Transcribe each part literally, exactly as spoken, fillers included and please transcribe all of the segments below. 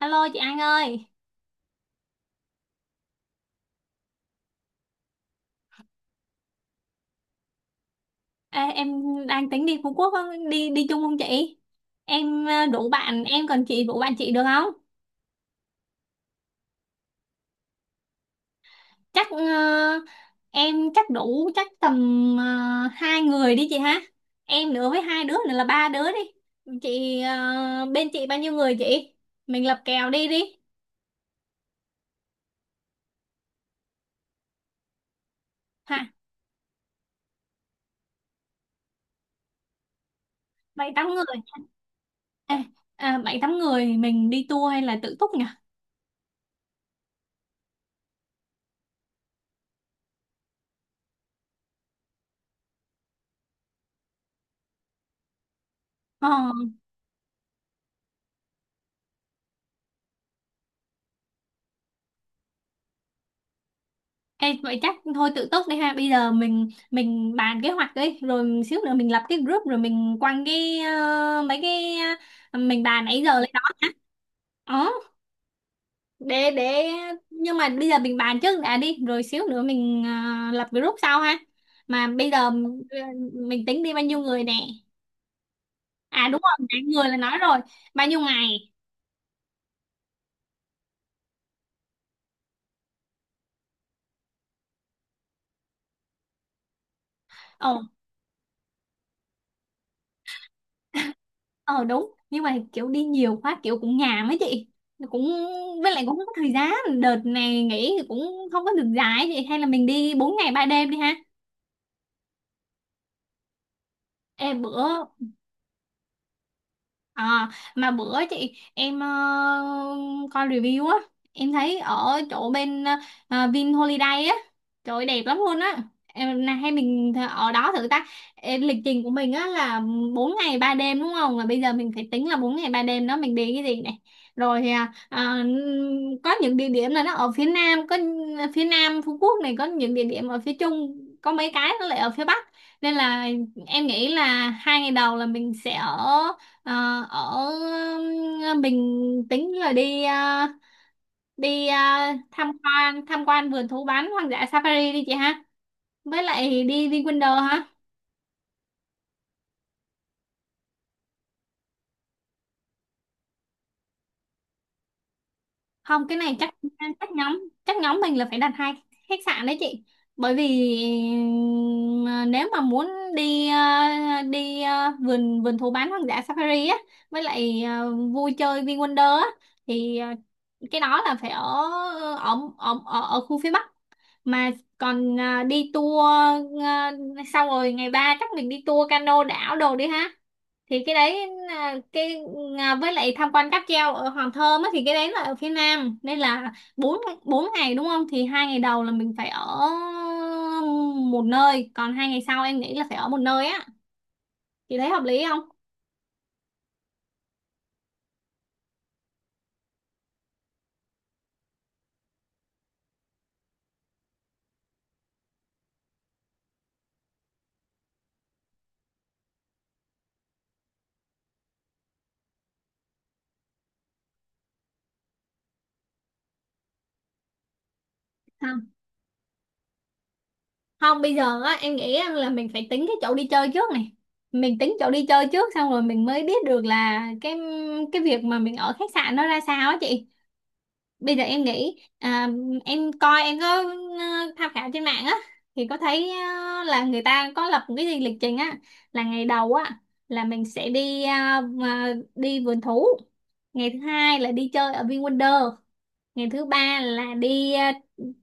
Alo chị An ơi. Ê, em đang tính đi Phú Quốc á, đi đi chung không chị? Em ờ, đủ bạn, em còn chị đủ bạn chị được không? Chắc ờ, em chắc đủ chắc tầm ờ, hai người đi chị ha. Em nữa với hai đứa nữa là ba đứa đi. Chị ờ, bên chị bao nhiêu người chị? Mình lập kèo đi đi. Hả? Bảy tám người. Ê, à, bảy tám người mình đi tour hay là tự túc nhỉ? Ờ. Ê, vậy chắc thôi tự túc đi ha. Bây giờ mình mình bàn kế hoạch đi rồi xíu nữa mình lập cái group rồi mình quăng cái ờ, mấy cái ờ, mình bàn nãy giờ lên đó nhá. Ờ, để để nhưng mà bây giờ mình bàn trước đã đi rồi xíu nữa mình ờ, lập group sau ha. Mà bây giờ ờ, mình tính đi bao nhiêu người nè. À đúng rồi nãy người là nói rồi. Bao nhiêu ngày? Ồ, ờ đúng nhưng mà kiểu đi nhiều quá kiểu cũng nhàm ấy chị, cũng với lại cũng không có thời gian. Đợt này nghỉ thì cũng không có được dài ấy chị, hay là mình đi bốn ngày ba đêm đi ha. Ê bữa, À, mà bữa chị em ờ, coi review á, em thấy ở chỗ bên ờ, Vin Holiday á, trời ơi, đẹp lắm luôn á. Em này hay mình th- ở đó thử ta. Ê, lịch trình của mình á là bốn ngày ba đêm đúng không, là bây giờ mình phải tính là bốn ngày ba đêm đó mình đi cái gì này. Rồi thì, à, à, có những địa điểm là nó ở phía nam, có ờ, phía nam Phú Quốc này, có những địa điểm ở phía trung, có mấy cái nó lại ở phía bắc. Nên là em nghĩ là hai ngày đầu là mình sẽ ở. Ờ, ở um, mình tính là đi ờ, đi ờ, tham quan tham quan vườn thú bán hoang dã safari đi chị ha, với lại đi đi Wonder ha. Không cái này chắc, chắc nhóm chắc nhóm mình là phải đặt hai khách sạn đấy chị, bởi vì ừm, ờ, nếu mà muốn đi ờ, đi ờ, vườn vườn thú bán hoang dã safari á với lại ờ, vui chơi VinWonder á, thì ờ, cái đó là phải ở ở ở ở, ở khu phía Bắc. Mà còn à, đi tour, à, xong rồi ngày ba chắc mình đi tour cano đảo đồ đi ha, thì cái đấy là cái, à, với lại tham quan cáp treo ở Hòn Thơm á thì cái đấy là ở phía Nam, nên là bốn bốn ngày đúng không, thì hai ngày đầu là mình phải ở một nơi, còn hai ngày sau em nghĩ là phải ở một nơi á, thì thấy hợp lý không? Không, bây giờ á em nghĩ á, là mình phải tính cái chỗ đi chơi trước này, mình tính chỗ đi chơi trước xong rồi mình mới biết được là cái cái việc mà mình ở khách sạn nó ra sao á chị. Bây giờ em nghĩ à, em coi em có ờ, tham khảo trên mạng á thì có thấy ờ, là người ta có lập một cái gì lịch trình á. Là ngày đầu á là mình sẽ đi ờ, mà đi vườn thú. Ngày thứ hai là đi chơi ở VinWonder. Ngày thứ ba là đi ờ,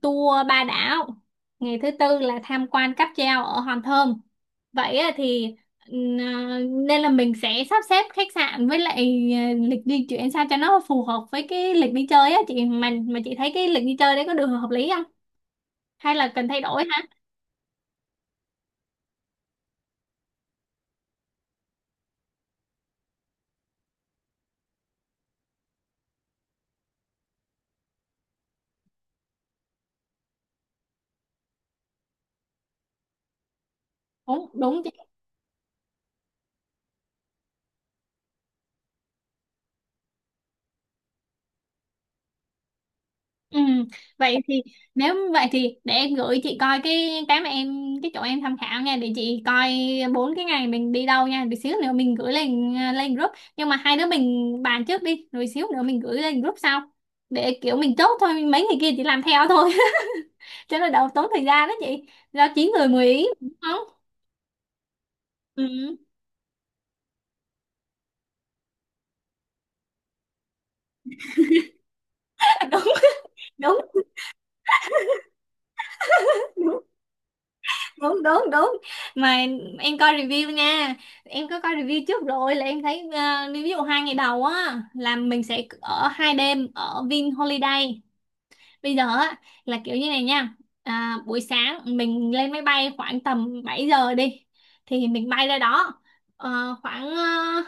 tour ba đảo. Ngày thứ tư là tham quan cáp treo ở Hòn Thơm. Vậy á thì ừm, ờ, nên là mình sẽ sắp xếp khách sạn với lại ờ, lịch di chuyển sao cho nó phù hợp với cái lịch đi chơi á chị, mà mà chị thấy cái lịch đi chơi đấy có được hợp lý không, hay là cần thay đổi hả? Đúng đúng. Ừ, vậy thì nếu vậy thì để em gửi chị coi cái cái mà em cái chỗ em tham khảo nha, để chị coi bốn cái ngày mình đi đâu nha, để xíu nữa mình gửi lên lên group. Nhưng mà hai đứa mình bàn trước đi rồi xíu nữa mình gửi lên group sau, để kiểu mình chốt thôi mấy người kia chỉ làm theo thôi. Cho nó đỡ tốn thời gian đó chị, do chín người mười ý đúng không. Ừ. Đúng đúng đúng đúng đúng. Mà em coi review nha, em có coi review trước rồi là em thấy ờ, ví dụ hai ngày đầu á là mình sẽ ở hai đêm ở Vin Holiday. Bây giờ á là kiểu như này nha. À, buổi sáng mình lên máy bay khoảng tầm bảy giờ đi, thì mình bay ra đó. Ờ, khoảng ờ,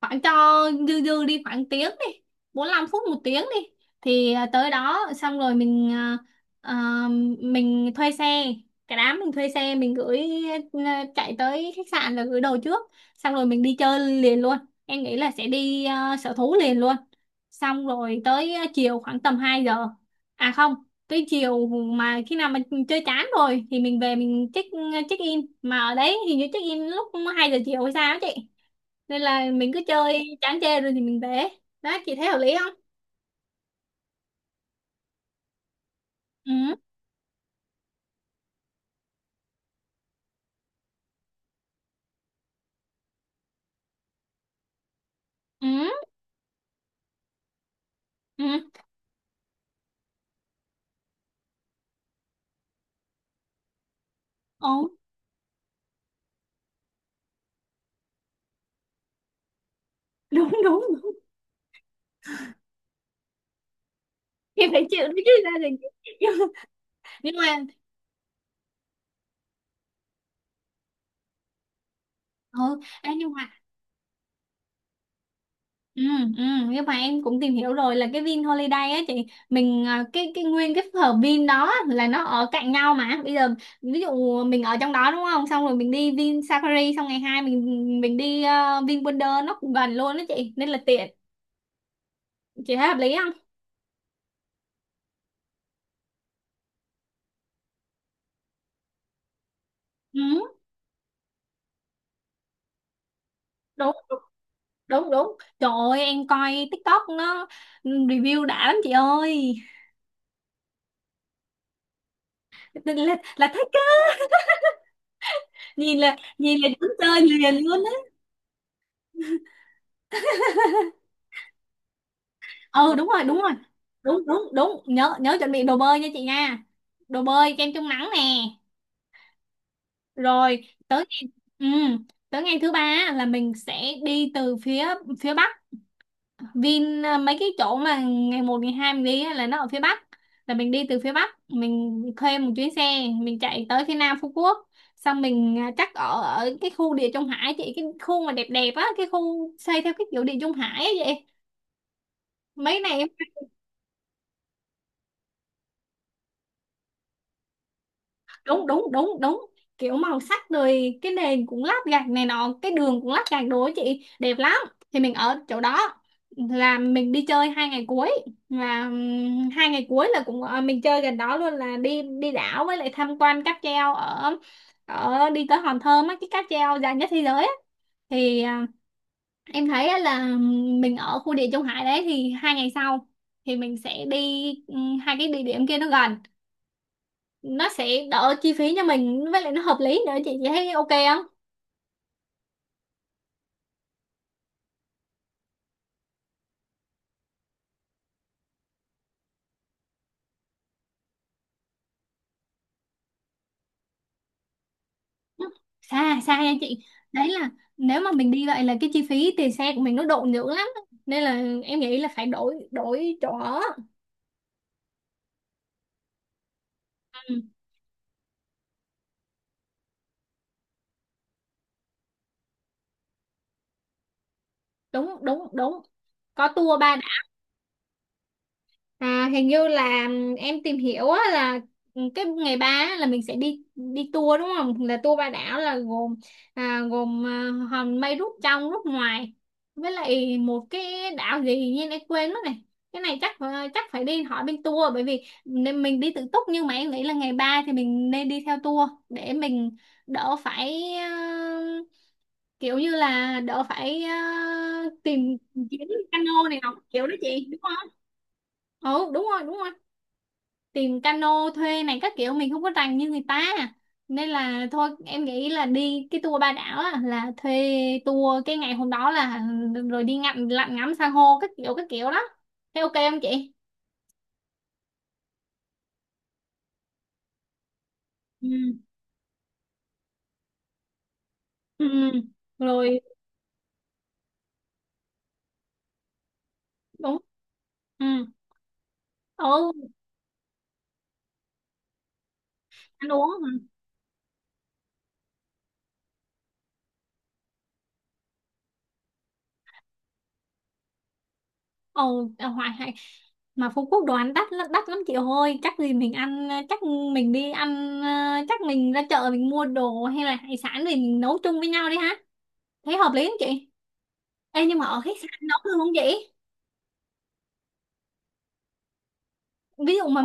khoảng cho dư dư đi khoảng tiếng đi, bốn lăm phút một tiếng đi, thì à, tới đó xong rồi mình à, à, mình thuê xe. Cái đám mình thuê xe mình gửi, à, chạy tới khách sạn là gửi đồ trước, xong rồi mình đi chơi liền luôn. Em nghĩ là sẽ đi à, sở thú liền luôn, xong rồi tới à, chiều khoảng tầm hai giờ. À không, tới chiều mà khi nào mà chơi chán rồi thì mình về mình check à, check in, mà ở đấy hình như check in lúc hai giờ chiều hay sao á chị, nên là mình cứ chơi chán chê rồi thì mình về đó. Chị thấy hợp lý không? Ừ, ừ, ừ, ừ. Đúng đúng đúng, thì phải chịu đấy chứ ra thì. Nhưng mà, ừ. Ê, nhưng mà, ừ, ừ, nhưng mà em cũng tìm hiểu rồi là cái Vin Holiday á chị, mình à, cái cái nguyên cái phở Vin đó là nó ở cạnh nhau. Mà bây giờ ví dụ mình ở trong đó đúng không, xong rồi mình đi Vin Safari, xong ngày hai mình mình đi uh, Vin Wonder, nó cũng gần luôn đó chị, nên là tiện. Chị thấy hợp lý không? Ừ, đúng đúng đúng, trời ơi em coi TikTok nó review đã lắm chị ơi, là, là thích á. Nhìn là nhìn là đứng chơi liền luôn á. Ừ đúng rồi đúng rồi, đúng đúng đúng, nhớ nhớ chuẩn bị đồ bơi nha chị nha, đồ bơi kem chống nắng nè. Rồi tới, ừ, tới ngày thứ ba á, là mình sẽ đi từ phía phía bắc Vin, à, mấy cái chỗ mà ngày một ngày hai mình đi á, là nó ở phía Bắc, là mình đi từ phía Bắc mình thuê một chuyến xe mình chạy tới phía Nam Phú Quốc. Xong mình à, chắc ở ở cái khu Địa Trung Hải chị, cái khu mà đẹp đẹp á, cái khu xây theo cái kiểu Địa Trung Hải á vậy mấy này. Đúng đúng đúng đúng, kiểu màu sắc rồi cái nền cũng lát gạch này nọ, cái đường cũng lát gạch đồ ấy chị, đẹp lắm. Thì mình ở chỗ đó là mình đi chơi hai ngày cuối. Và ừm, hai ngày cuối là cũng ờ, mình chơi gần đó luôn, là đi đi đảo với lại tham quan cáp treo ở ở đi tới Hòn Thơm á, cái cáp treo dài nhất thế giới á. Thì à, em thấy á là mình ở khu địa Trung Hải đấy, thì hai ngày sau thì mình sẽ đi ừ, hai cái địa điểm kia nó gần, nó sẽ đỡ chi phí cho mình với lại nó hợp lý nữa chị. Chị thấy ok không? Xa xa nha chị. Đấy là nếu mà mình đi vậy là cái chi phí tiền xe của mình nó độ nhiều lắm, nên là em nghĩ là phải đổi đổi chỗ ở. Ừ, đúng đúng đúng. Có tour ba. À, hình như là em tìm hiểu á, là cái ngày ba á, là mình sẽ đi đi tour đúng không? Là tour ba đảo là gồm, à, gồm à, hòn mây rút trong rút ngoài, với lại một cái đảo gì như em quên mất này. Cái này chắc phải- chắc phải đi hỏi bên tour, bởi vì nên mình đi tự túc nhưng mà em nghĩ là ngày ba thì mình nên đi theo tour để mình đỡ phải ờ, kiểu như là đỡ phải ờ, tìm kiếm cano này nọ kiểu đó chị đúng không? Ừ đúng rồi đúng rồi, tìm cano thuê này các kiểu mình không có rành như người ta. Nên là thôi em nghĩ là đi cái tour ba đảo á, là thuê tour cái ngày hôm đó là rồi đi ngắm lặn ngắm san hô các kiểu các kiểu đó. Thế ok không chị? Ừ, ừ, ừ. Rồi. Đúng. Ừ, ừ. Ăn uống hả? Ồ ừ, à, hoài hay mà Phú Quốc đồ ăn đắt lắm, đắt lắm chị ơi, chắc gì mình ăn, chắc mình đi ăn ờ, chắc mình ra chợ mình mua đồ hay là hải sản thì mình nấu chung với nhau đi ha. Thấy hợp lý không chị? Ê, nhưng mà ở khách sạn nấu luôn không vậy? Ví dụ mà,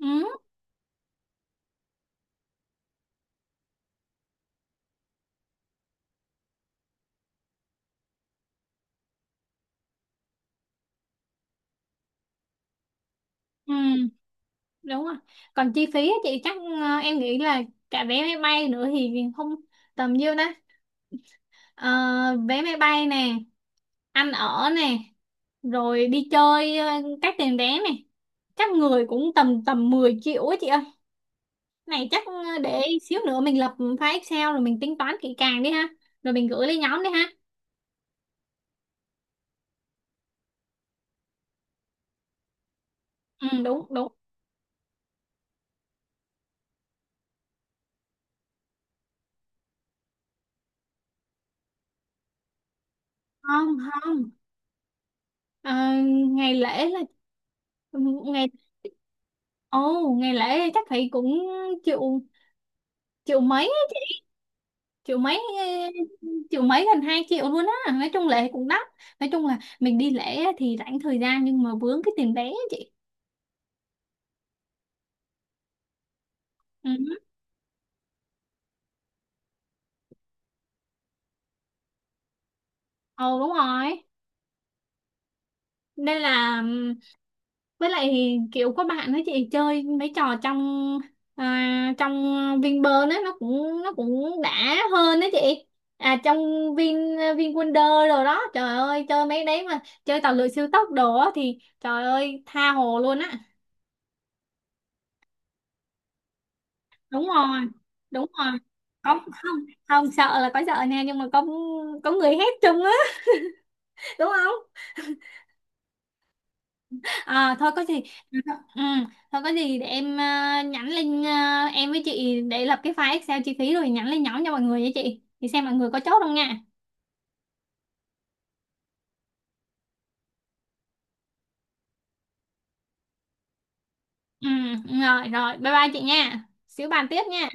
ừ, ừ, đúng rồi. Còn chi phí á chị chắc ờ, em nghĩ là cả vé máy bay nữa thì không tầm nhiêu đó. Ờ, vé máy bay nè, ăn ở nè, rồi đi chơi ờ, các tiền vé nè. Chắc người cũng tầm tầm mười triệu á chị ơi. Này chắc ờ, để xíu nữa mình lập file Excel rồi mình tính toán kỹ càng đi ha. Rồi mình gửi lên nhóm đi ha. Ừ đúng đúng. Không không. Ờ, ngày lễ là ngày. Ồ, ngày lễ chắc phải cũng triệu, triệu mấy, triệu mấy ờ, triệu mấy gần hai triệu luôn á, nói chung lễ cũng đắt, nói chung là mình đi lễ á thì rảnh thời gian nhưng mà vướng cái tiền vé á chị. Ừ. Ồ đúng rồi, nên là, với lại kiểu có bạn nói chị chơi mấy trò trong à, trong Vinpearl á nó cũng nó cũng đã hơn đó chị, à trong Vin VinWonder rồi đó, trời ơi chơi mấy đấy mà chơi tàu lượn siêu tốc đồ á thì trời ơi tha hồ luôn á. Đúng rồi đúng rồi, có không, không sợ là có sợ nha, nhưng mà có có người hét chung á đúng không. À, thôi có gì. Ừ, ừ, thôi có gì để em à, nhắn lên à, em với chị để lập cái file Excel chi phí rồi nhắn lên nhóm cho mọi người nha chị, thì xem mọi người có chốt không nha. Ừ, rồi rồi bye bye chị nha, xíu bàn tiếp nha.